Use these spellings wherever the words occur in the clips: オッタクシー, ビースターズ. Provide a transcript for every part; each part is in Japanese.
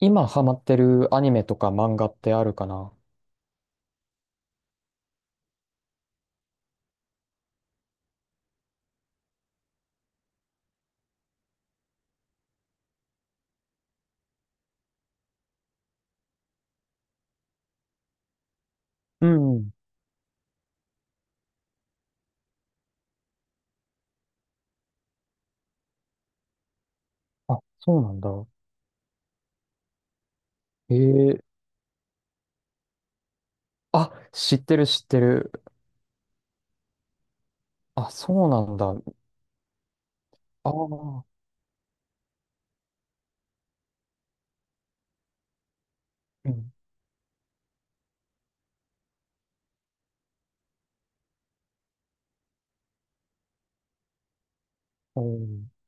今ハマってるアニメとか漫画ってあるかな？うん。あ、そうなんだ。ええ。あ、知ってる知ってる。あ、そうなんだ。ああ、うん。おー。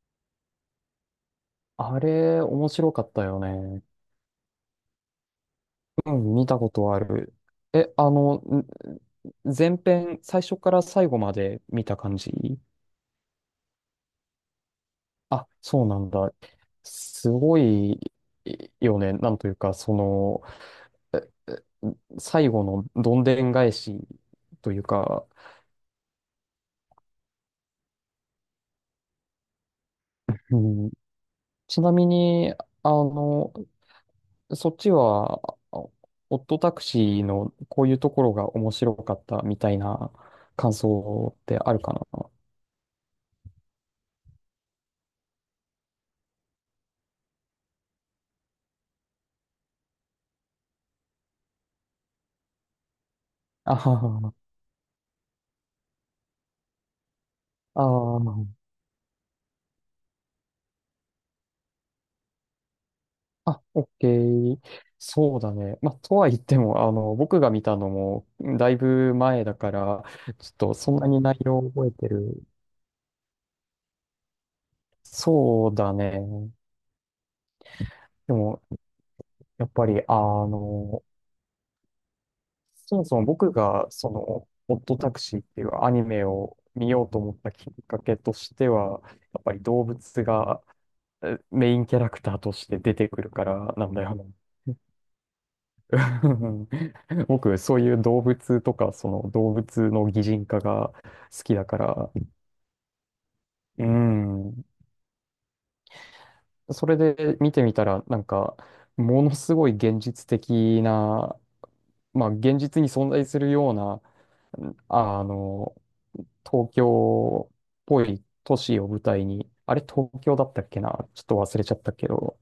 あれ、面白かったよね。うん、見たことある。え、あの、ん前編、最初から最後まで見た感じ？あ、そうなんだ。すごいよね。なんというか、ええ最後のどんでん返しというか、うん、ちなみに、あの、そっちは、あオットタクシーのこういうところが面白かったみたいな感想ってあるかな？ あはは、あーあ、オッケー。そうだね。まあ、とは言っても、僕が見たのも、だいぶ前だから、ちょっとそんなに内容を覚えてる。そうだね。でも、やっぱり、そもそも僕がその「オットタクシー」っていうアニメを見ようと思ったきっかけとしてはやっぱり動物がメインキャラクターとして出てくるからなんだよな。 僕そういう動物とかその動物の擬人化が好きだから。うん。それで見てみたらなんかものすごい現実的な、まあ現実に存在するようなあの東京っぽい都市を舞台に、あれ東京だったっけなちょっと忘れちゃったけど、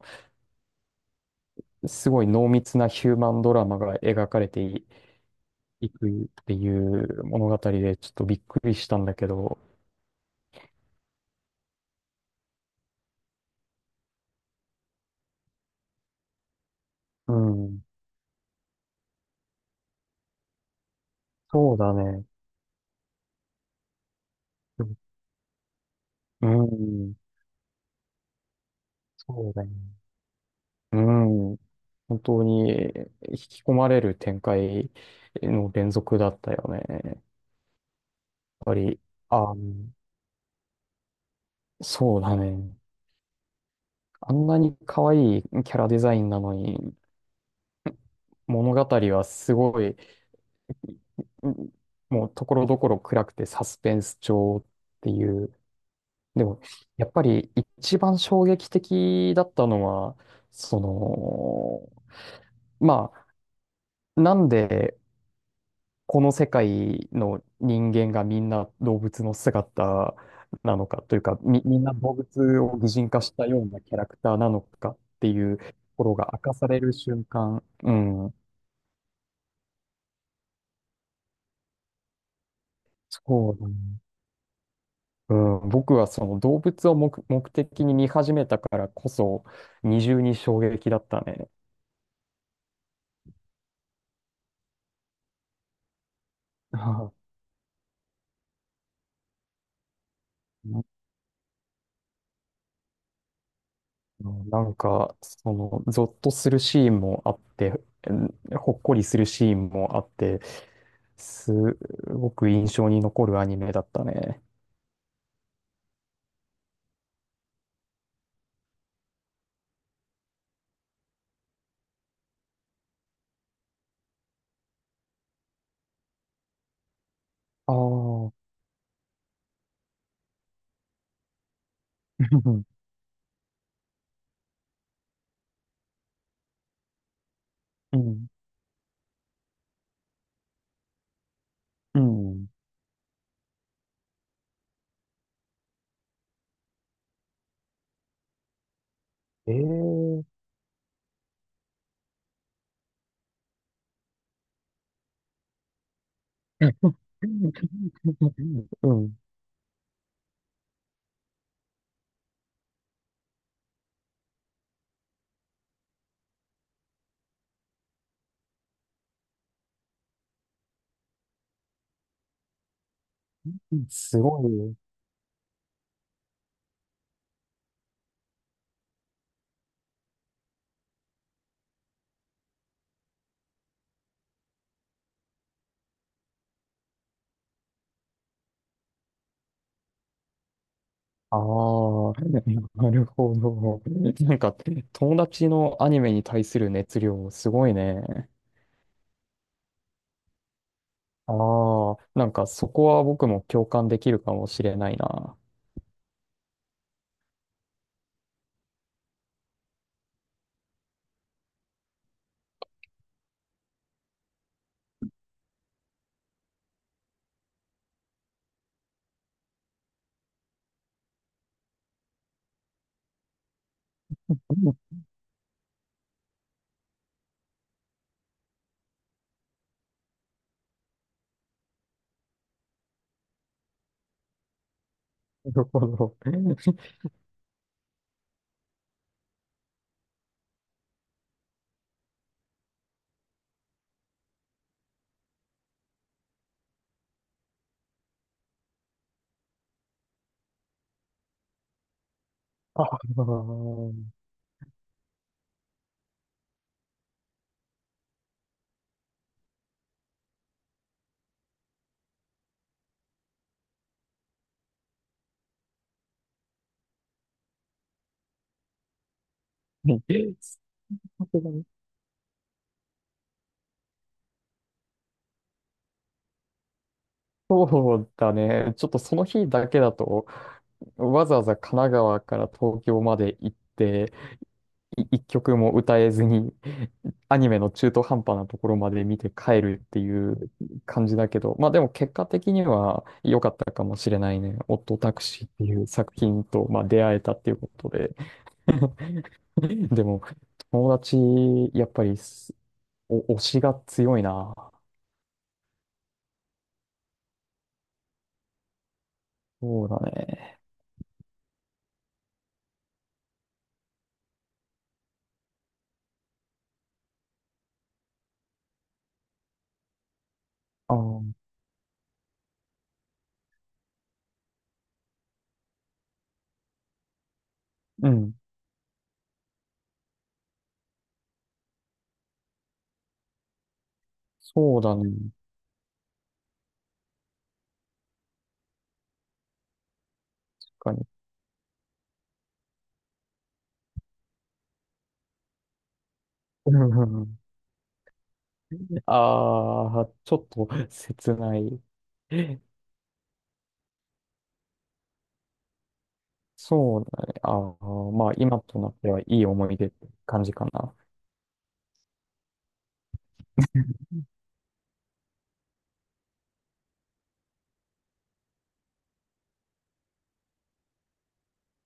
すごい濃密なヒューマンドラマが描かれていくっていう物語で、ちょっとびっくりしたんだけど、うん、そうだね。うん、そうだね。うん、本当に引き込まれる展開の連続だったよね。やっぱり、あ、そうだね。あんなに可愛いキャラデザインなのに、物語はすごい、うん、もうところどころ暗くてサスペンス調っていう。でも、やっぱり一番衝撃的だったのは、その、まあ、なんでこの世界の人間がみんな動物の姿なのかというか、みんな動物を擬人化したようなキャラクターなのかっていうところが明かされる瞬間、うん、そうだね。うん、僕はその動物を目的に見始めたからこそ二重に衝撃だったね。はい、なんか、ゾッとするシーンもあって、うん、ほっこりするシーンもあって、すごく印象に残るアニメだったね。ああ。 うんうん、うん、ええ。 うん、すごい。ああ、なるほど。なんか、友達のアニメに対する熱量、すごいね。ああ、なんかそこは僕も共感できるかもしれないな。なるほど。ああ、さすがに、そうだね。ちょっとその日だけだと、わざわざ神奈川から東京まで行って、一曲も歌えずに、アニメの中途半端なところまで見て帰るっていう感じだけど、まあでも結果的には良かったかもしれないね。オットタクシーっていう作品と、まあ、出会えたっていうことで。でも、友達、やっぱり推しが強いな。そうだね。あー、うん。そうだね。確かに。うんうんうん。ああー、ちょっと切ない。そうだね。ああ、まあ今となってはいい思い出って感じかな。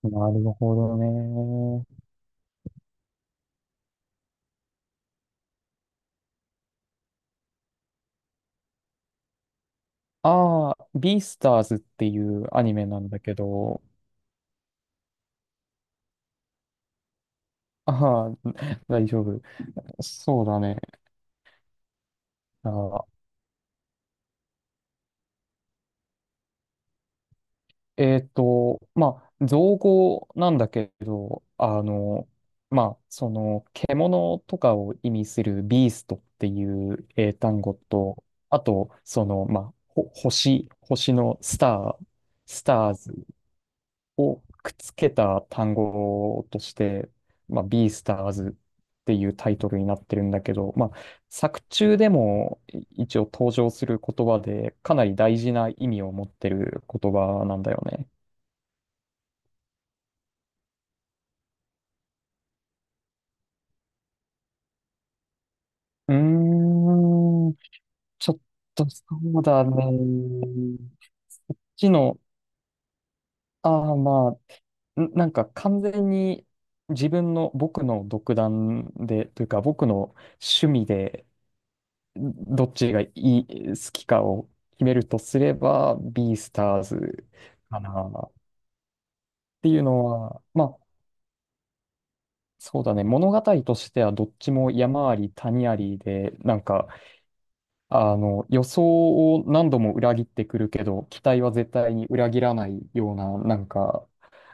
なるほどね。ああ、ビースターズっていうアニメなんだけど、ああ。大丈夫。そうだね。ああ、まあ、造語なんだけど、まあ、その、獣とかを意味するビーストっていう英単語と、あと、その、まあ、星のスター、スターズをくっつけた単語として、まあ、ビースターズっていうタイトルになってるんだけど、まあ、作中でも一応登場する言葉で、かなり大事な意味を持ってる言葉なんだよね。うーん、ちょっと、そうだね。知の、ああまあ、なんか完全に自分の僕の独断で、というか僕の趣味でどっちが好きかを決めるとすれば、ビースターズかなっていうのは、まあ、そうだね、物語としてはどっちも山あり谷ありで、なんか、あの、予想を何度も裏切ってくるけど、期待は絶対に裏切らないような、なんか、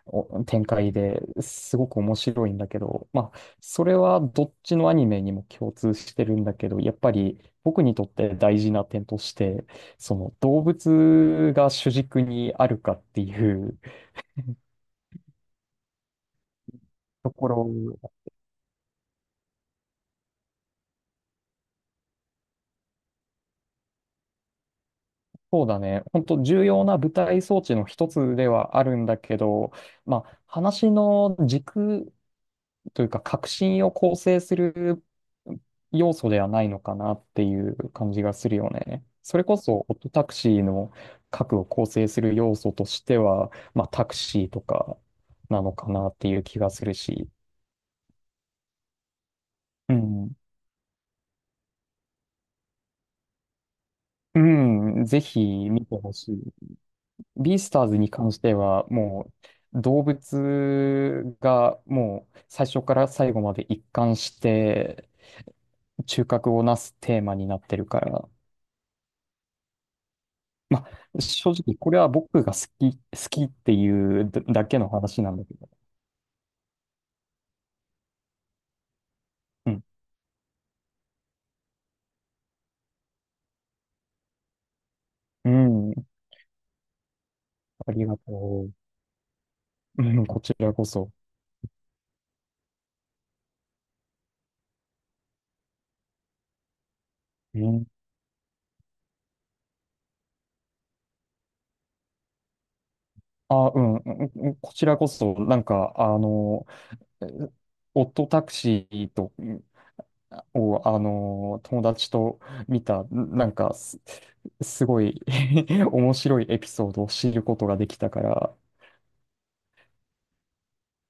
展開ですごく面白いんだけど、まあ、それはどっちのアニメにも共通してるんだけど、やっぱり僕にとって大事な点として、その動物が主軸にあるかっていう ところ、そうだね、本当重要な舞台装置の一つではあるんだけど、まあ、話の軸というか、革新を構成する要素ではないのかなっていう感じがするよね。それこそ、オットタクシーの核を構成する要素としては、まあ、タクシーとかなのかなっていう気がするし、うん、うん、ぜひ見てほしい。ビースターズに関しては、もう動物がもう最初から最後まで一貫して中核をなすテーマになってるから、まあ、正直、これは僕が好きっていうだけの話なんだけど。うん。うん。ありがとう。うん、こちらこそ。うん。あ、うん、うんうん、こちらこそ、なんか、えオットタクシーと、を、友達と見た、なんかすごい 面白いエピソードを知ることができたから、